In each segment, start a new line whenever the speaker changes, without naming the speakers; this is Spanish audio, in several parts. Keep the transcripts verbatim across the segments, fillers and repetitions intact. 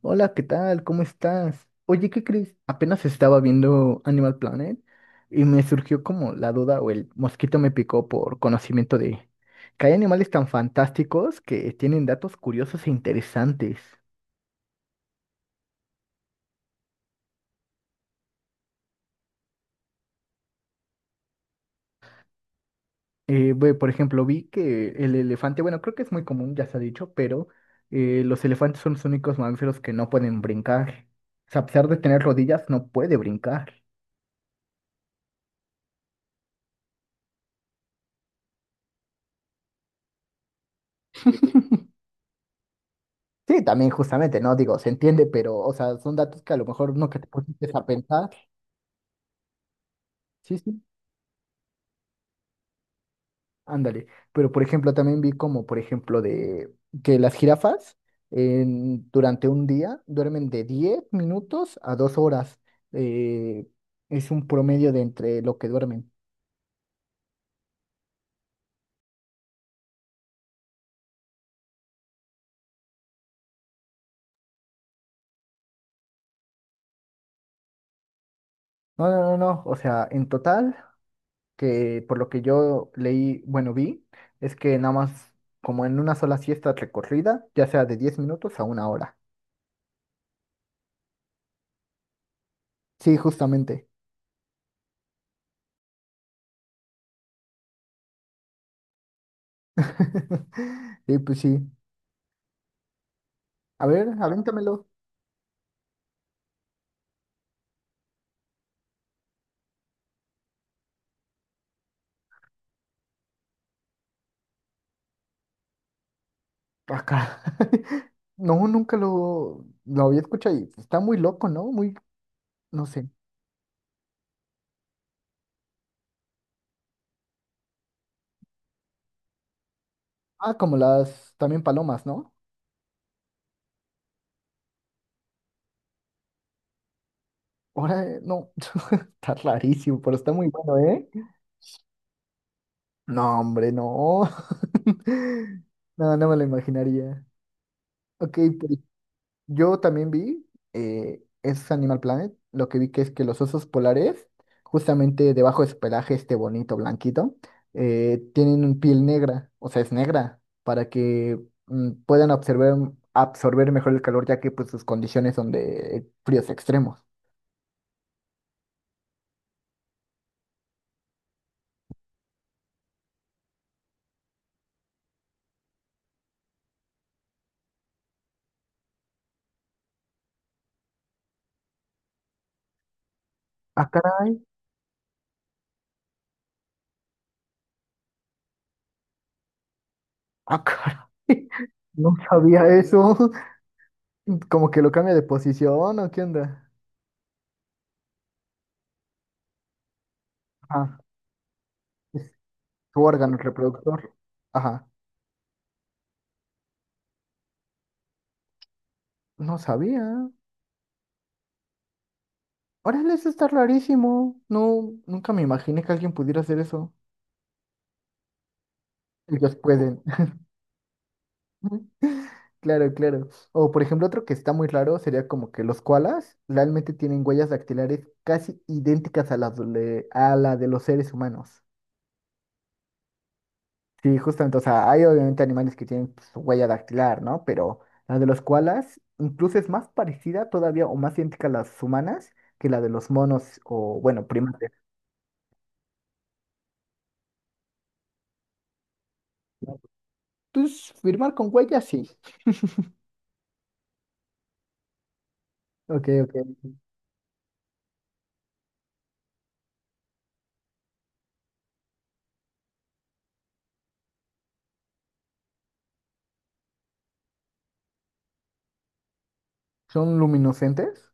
Hola, ¿qué tal? ¿Cómo estás? Oye, ¿qué crees? Apenas estaba viendo Animal Planet y me surgió como la duda o el mosquito me picó por conocimiento de que hay animales tan fantásticos que tienen datos curiosos e interesantes. Eh, ve, por ejemplo, vi que el elefante, bueno, creo que es muy común, ya se ha dicho, pero eh, los elefantes son los únicos mamíferos que no pueden brincar. O sea, a pesar de tener rodillas, no puede brincar. Sí, también justamente, ¿no? Digo, se entiende, pero, o sea, son datos que a lo mejor no que te pusiste a pensar. Sí, sí, ándale. Pero, por ejemplo, también vi como, por ejemplo, de que las jirafas en- durante un día duermen de diez minutos a dos horas. Eh, es un promedio de entre lo que duermen. No, no, no, no. O sea, en total, que por lo que yo leí, bueno, vi, es que nada más como en una sola siesta recorrida, ya sea de diez minutos a una hora. Sí, justamente. Y pues sí. A ver, avéntamelo. Acá. No, nunca lo, lo había escuchado y está muy loco, ¿no? Muy, no sé. Ah, como las también palomas, ¿no? Ahora, eh, no. Está rarísimo, pero está muy bueno, ¿eh? No, hombre, no. No, no me lo imaginaría. Ok, pero yo también vi, eh, es Animal Planet, lo que vi que es que los osos polares, justamente debajo de su pelaje este bonito blanquito, eh, tienen un piel negra, o sea, es negra, para que mm, puedan absorber, absorber mejor el calor, ya que pues sus condiciones son de fríos extremos. Ah, caray, ah, caray, no sabía eso, como que lo cambia de posición, ¿o qué onda? Ah, es su órgano reproductor, ajá, no sabía. Órale, eso está rarísimo. No, nunca me imaginé que alguien pudiera hacer eso. Ellos pueden. Claro, claro. O por ejemplo, otro que está muy raro sería como que los koalas realmente tienen huellas dactilares casi idénticas a las de, a la de los seres humanos. Sí, justamente, o sea, hay obviamente animales que tienen pues, su huella dactilar, ¿no? Pero la de los koalas incluso es más parecida todavía o más idéntica a las humanas que la de los monos o, bueno, primates. Entonces, firmar con huellas, sí. Ok, ok. ¿Son luminiscentes?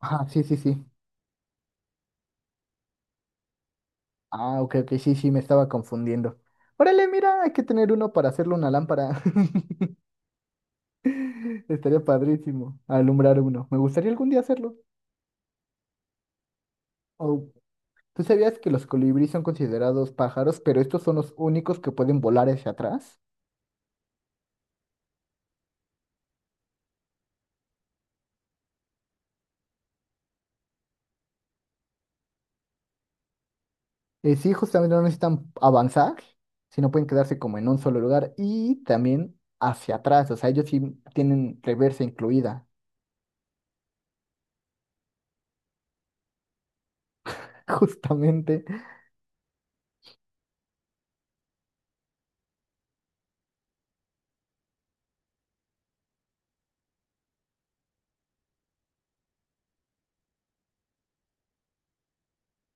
Ah, sí, sí, sí. Ah, ok, ok, sí, sí, me estaba confundiendo. Órale, mira, hay que tener uno para hacerle una lámpara. Estaría padrísimo alumbrar uno. Me gustaría algún día hacerlo. Oh, ¿tú sabías que los colibríes son considerados pájaros, pero estos son los únicos que pueden volar hacia atrás? Eh, sí, justamente no necesitan avanzar, sino pueden quedarse como en un solo lugar y también hacia atrás. O sea, ellos sí tienen reversa incluida, justamente.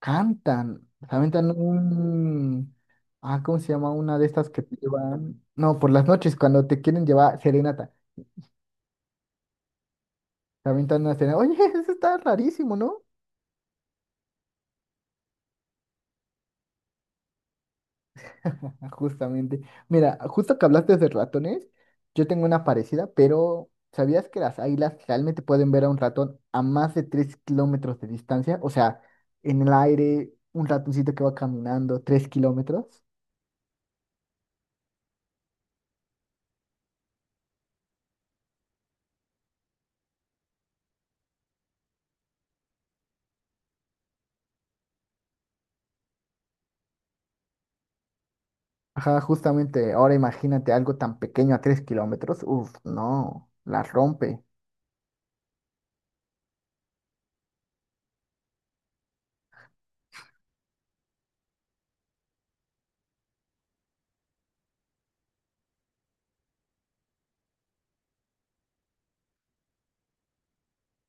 Cantan, se aventan un... Ah, ¿cómo se llama? Una de estas que te llevan... No, por las noches cuando te quieren llevar serenata. Se aventan una serenata. Oye, eso está rarísimo, ¿no? Justamente. Mira, justo que hablaste de ratones, yo tengo una parecida, pero ¿sabías que las águilas realmente pueden ver a un ratón a más de tres kilómetros de distancia? O sea, en el aire, un ratoncito que va caminando tres kilómetros. Ajá, justamente, ahora imagínate algo tan pequeño a tres kilómetros. Uf, no, la rompe.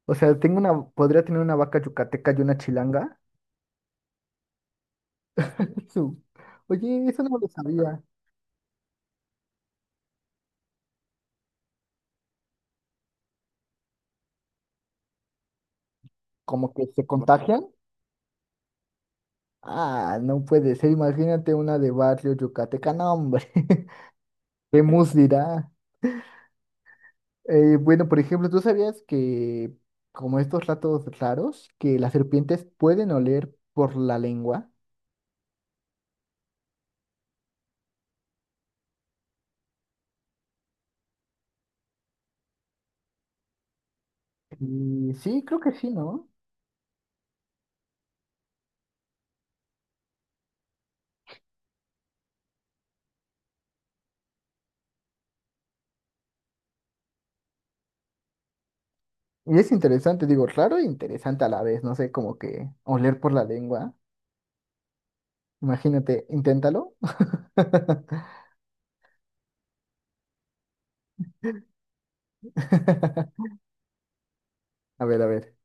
O sea, tengo una, podría tener una vaca yucateca y una chilanga. Su- Oye, eso no lo sabía. Como que se contagian. Ah, no puede ser. Imagínate una de barrio yucateca. No, hombre. ¿Qué mus dirá? Eh, bueno, por ejemplo, ¿tú sabías que, como estos ratos raros, que las serpientes pueden oler por la lengua? Y sí, creo que sí, ¿no? Y es interesante, digo, raro e interesante a la vez, no sé, como que oler por la lengua. Imagínate, inténtalo. A ver, a ver.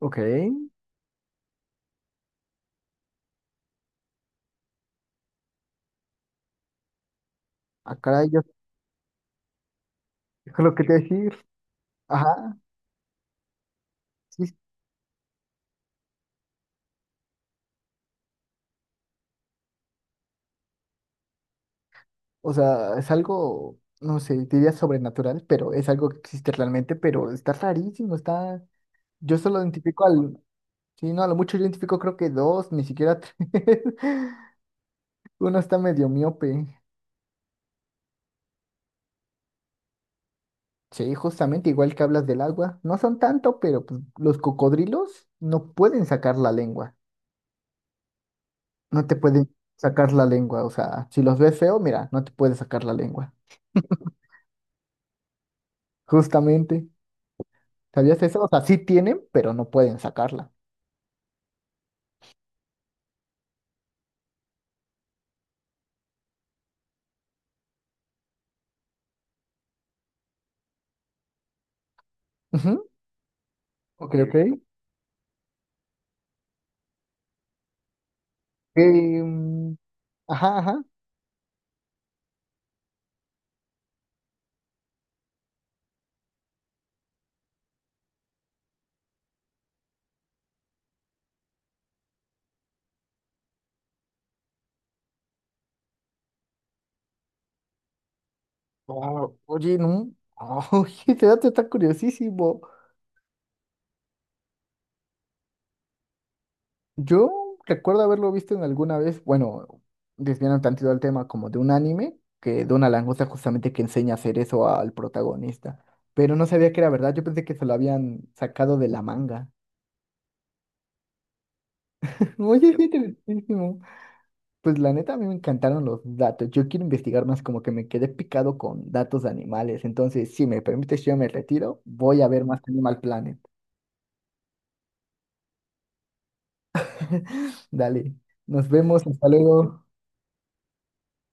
Ok. Acá yo es lo que te decir. Ajá, sí. O sea, es algo, no sé, diría sobrenatural, pero es algo que existe realmente, pero está rarísimo, está... Yo solo identifico al... Sí, no, a lo mucho yo identifico creo que dos, ni siquiera tres. Uno está medio miope. Sí, justamente igual que hablas del agua, no son tanto, pero pues, los cocodrilos no pueden sacar la lengua, no te pueden sacar la lengua, o sea, si los ves feo, mira, no te pueden sacar la lengua, justamente, ¿sabías eso? O sea, sí tienen, pero no pueden sacarla. Ujú, ok, ok. Em, ajá, ajá. Ah, oye, no, oye, ese dato está curiosísimo. Yo recuerdo haberlo visto en alguna vez, bueno, desviando tantito al tema como de un anime, que de una langosta justamente que enseña a hacer eso al protagonista, pero no sabía que era verdad, yo pensé que se lo habían sacado de la manga. Oye, es interesantísimo. Pues la neta a mí me encantaron los datos, yo quiero investigar más, como que me quedé picado con datos de animales, entonces si me permites yo me retiro, voy a ver más Animal Planet. Dale, nos vemos, hasta luego.